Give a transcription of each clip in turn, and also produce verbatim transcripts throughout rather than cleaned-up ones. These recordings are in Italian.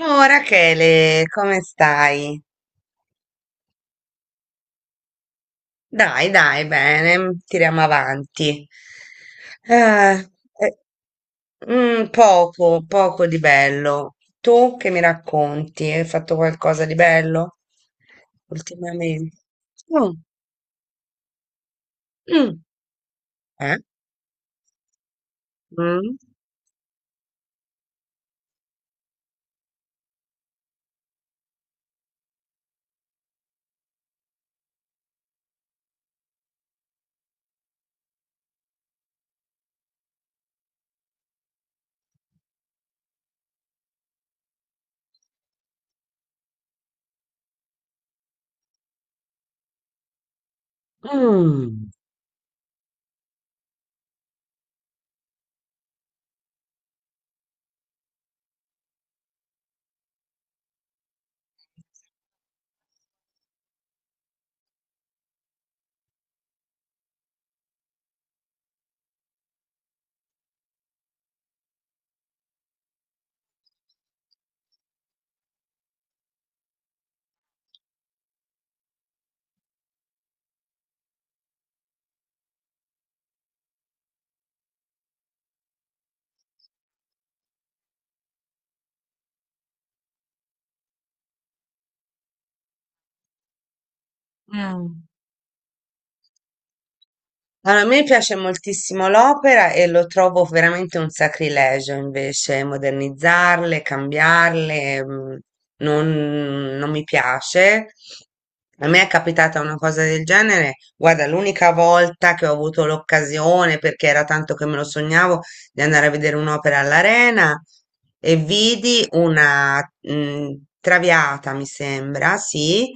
Oh, Rachele, come stai? Dai, dai, bene, mm, tiriamo avanti. Eh, eh, mm, poco, poco di bello. Tu che mi racconti? Hai fatto qualcosa di bello ultimamente? Mm, mm, eh? Mm, mm, mm. Allora, a me piace moltissimo l'opera e lo trovo veramente un sacrilegio invece modernizzarle, cambiarle, mm, non, non mi piace. A me è capitata una cosa del genere, guarda, l'unica volta che ho avuto l'occasione, perché era tanto che me lo sognavo, di andare a vedere un'opera all'Arena e vidi una mh, Traviata, mi sembra, sì,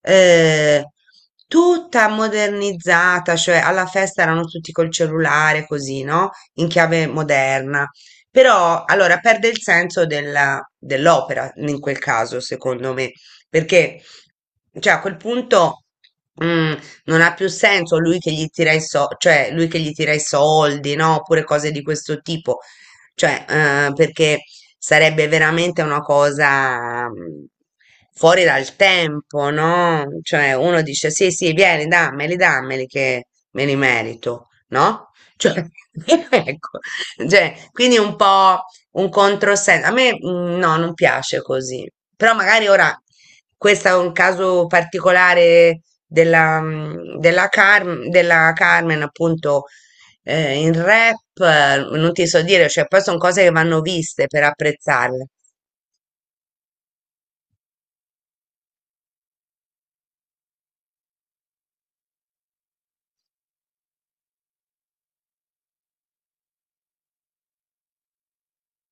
eh, tutta modernizzata, cioè alla festa erano tutti col cellulare, così, no? In chiave moderna. Però allora perde il senso della- dell'opera in quel caso, secondo me, perché cioè, a quel punto. mm, Non ha più senso lui che gli tira i so- cioè lui che gli tira i soldi, no? Oppure cose di questo tipo. Cioè, eh, perché sarebbe veramente una cosa mm, fuori dal tempo, no? Cioè, uno dice sì, sì, vieni, dammeli, dammeli che me li merito, no? Cioè, ecco, cioè, quindi un po' un controsenso. A me mm, no, non piace così. Però magari ora questo è un caso particolare della, mm, della, Car- della Carmen, appunto, eh, in rap, eh, non ti so dire, cioè poi sono cose che vanno viste per apprezzarle.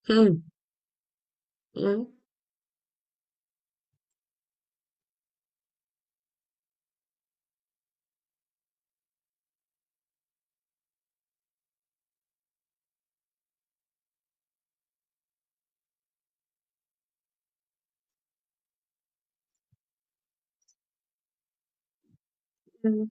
Mm, mm, mm,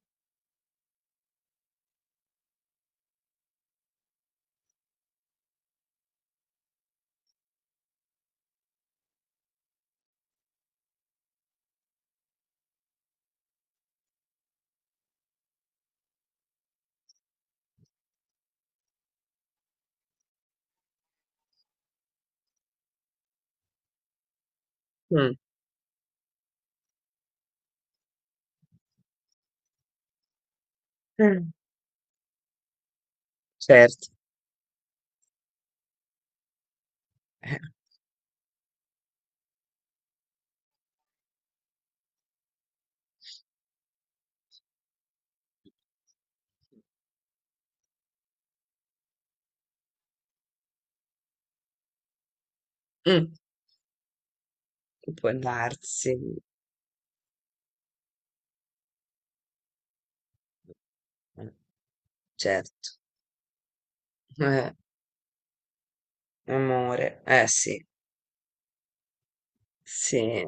mm, mm. Certo, eh, mm, può darsi, eh, certo, eh, amore, eh sì, sì.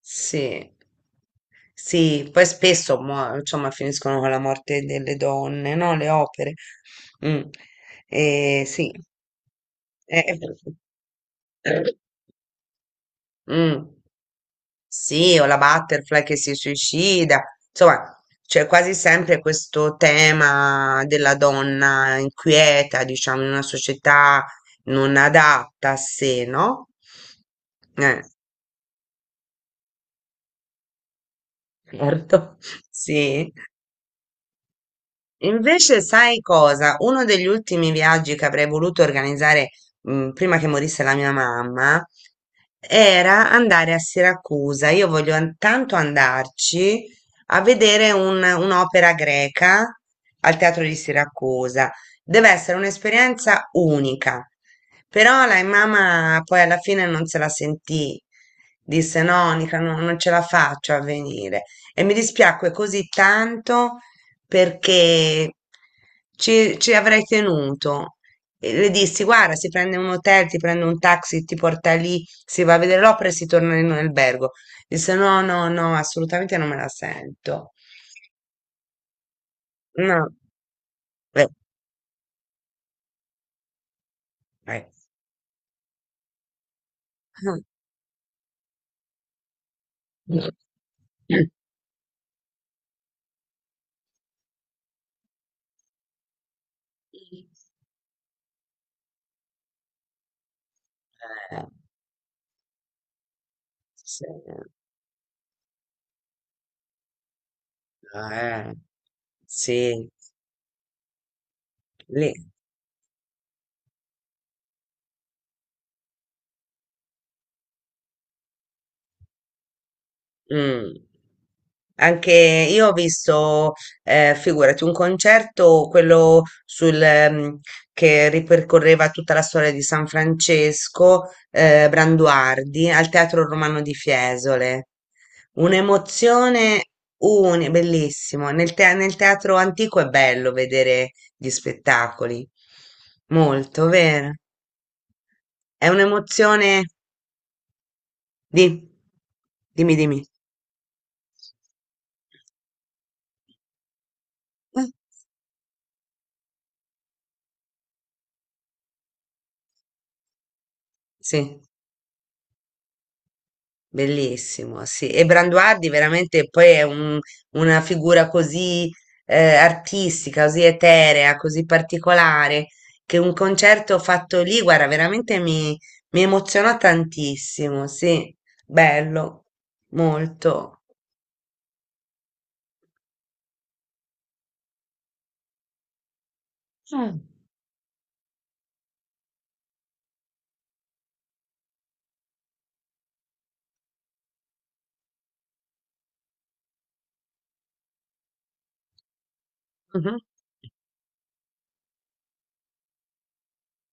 Sì, sì, poi spesso muo- insomma, finiscono con la morte delle donne, no? Le opere. Mm. Eh, sì. Eh, eh, mm. Sì, o la butterfly che si suicida, insomma, c'è quasi sempre questo tema della donna inquieta, diciamo, in una società non adatta a sé, no? Eh, certo, sì. Invece, sai cosa? Uno degli ultimi viaggi che avrei voluto organizzare, mm, prima che morisse la mia mamma era andare a Siracusa. Io voglio an- tanto andarci a vedere un- un'opera greca al Teatro di Siracusa. Deve essere un'esperienza unica. Però la mamma poi alla fine non se la sentì. Disse: No, Nica, non non ce la faccio a venire. E mi dispiacque così tanto perché ci, ci avrei tenuto. E le dissi, guarda, si prende un hotel, ti prende un taxi, ti porta lì, si va a vedere l'opera e si torna in un albergo. Disse, no, no, no, assolutamente non me la sento. No, beh, eh. Eh, sì, eh, sì. Lì. Mm. Anche io ho visto, eh, figurati, un concerto, quello sul, ehm, che ripercorreva tutta la storia di San Francesco, eh, Branduardi, al Teatro Romano di Fiesole. Un'emozione unica, bellissimo. Nel, te- nel teatro antico è bello vedere gli spettacoli. Molto, vero? È un'emozione di... Dimmi, dimmi. Eh, Sì. Bellissimo, sì. E Branduardi veramente poi è un- una figura così eh, artistica, così eterea, così particolare, che un concerto fatto lì, guarda, veramente mi, mi emozionò tantissimo, sì, bello, molto. Ah. Mhm.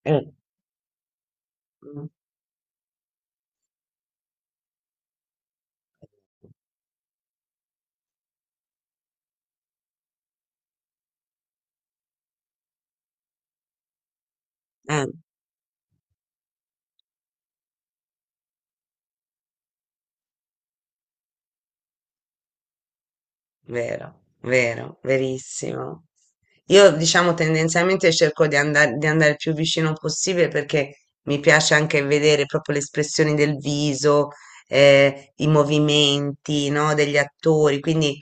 Eh. Mm. Eh. Vero, vero, verissimo. Io diciamo tendenzialmente cerco di andare, di andare il più vicino possibile perché mi piace anche vedere proprio le espressioni del viso, eh, i movimenti, no, degli attori. Quindi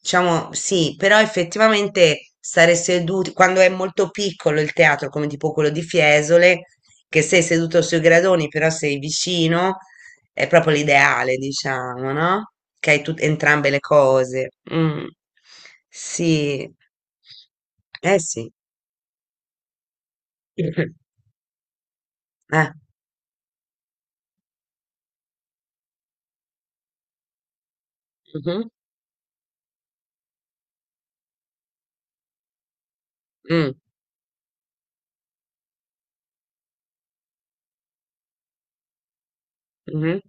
diciamo sì, però effettivamente stare seduti, quando è molto piccolo il teatro, come tipo quello di Fiesole, che sei seduto sui gradoni, però sei vicino, è proprio l'ideale, diciamo, no? Che hai tut- entrambe le cose. Mm. Sì, eh sì. Eh. mhm, mm, mhm.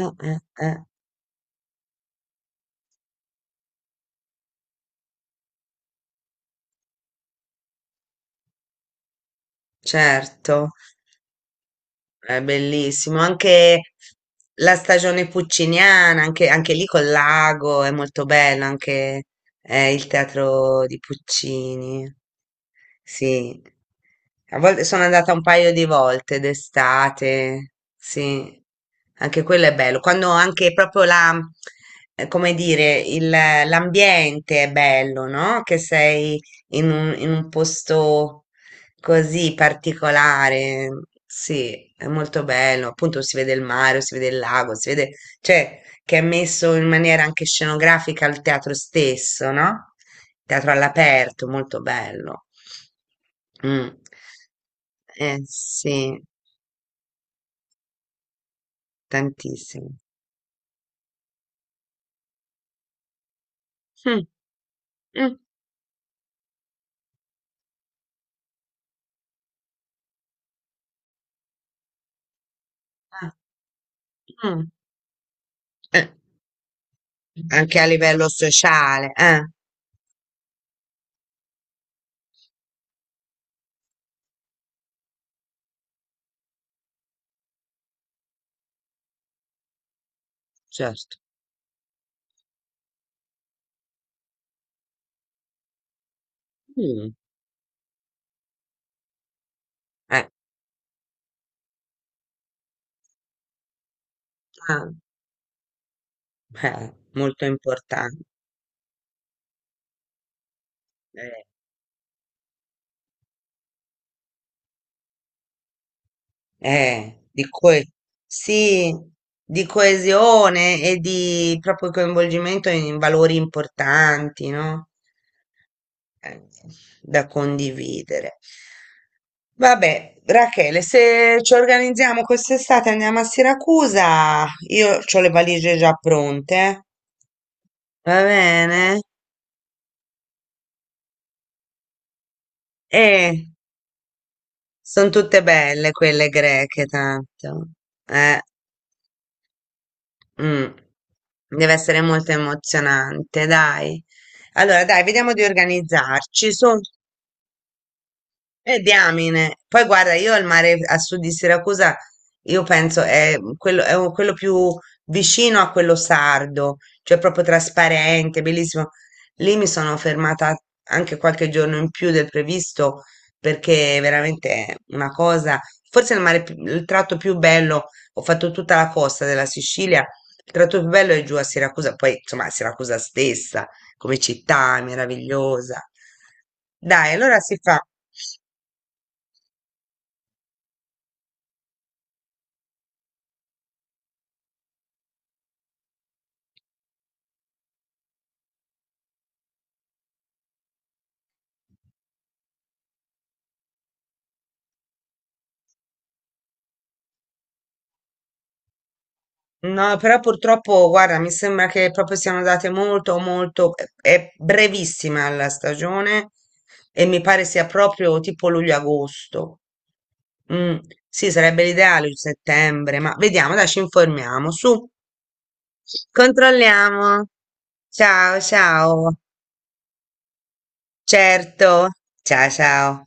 Eh, eh, eh. Certo. È bellissimo, anche la stagione pucciniana, anche, anche lì col lago, è molto bello, anche eh, il teatro di Puccini. Sì, a volte sono andata un paio di volte d'estate, sì, anche quello è bello, quando anche proprio la, eh, come dire, il- l'ambiente è bello, no? Che sei in un, in un posto così particolare. Sì, è molto bello. Appunto si vede il mare, si vede il lago, si vede, cioè che è messo in maniera anche scenografica al teatro stesso, no? Teatro all'aperto, molto bello. Mm. Eh, sì, tantissimo. Mm, mm, ah, mm. Eh, anche a livello sociale, eh, certo. Mm, eh, ah, eh, molto importante. eh, di coe- sì, di coesione e di proprio coinvolgimento in valori importanti, no? Eh, Da condividere. Vabbè, Rachele, se ci organizziamo quest'estate andiamo a Siracusa, io ho le valigie già pronte, va bene? E sono tutte belle quelle greche, tanto. Eh. Mm. Deve essere molto emozionante, dai. Allora, dai, vediamo di organizzarci. su. Eh, diamine. Poi guarda, io al mare a sud di Siracusa, io penso è quello, è un- quello più vicino a quello sardo, cioè proprio trasparente, bellissimo. Lì mi sono fermata anche qualche giorno in più del previsto perché veramente è una cosa, forse il mare, pi- il tratto più bello, ho fatto tutta la costa della Sicilia, il tratto più bello è giù a Siracusa, poi insomma Siracusa stessa, come città, è meravigliosa. Dai, allora si fa. No, però purtroppo, guarda, mi sembra che proprio siano andate molto, molto, è brevissima la stagione e mi pare sia proprio tipo luglio-agosto. Mm, sì, sarebbe l'ideale il settembre, ma vediamo, dai, ci informiamo. Su, controlliamo. Ciao, ciao. Certo. Ciao, ciao.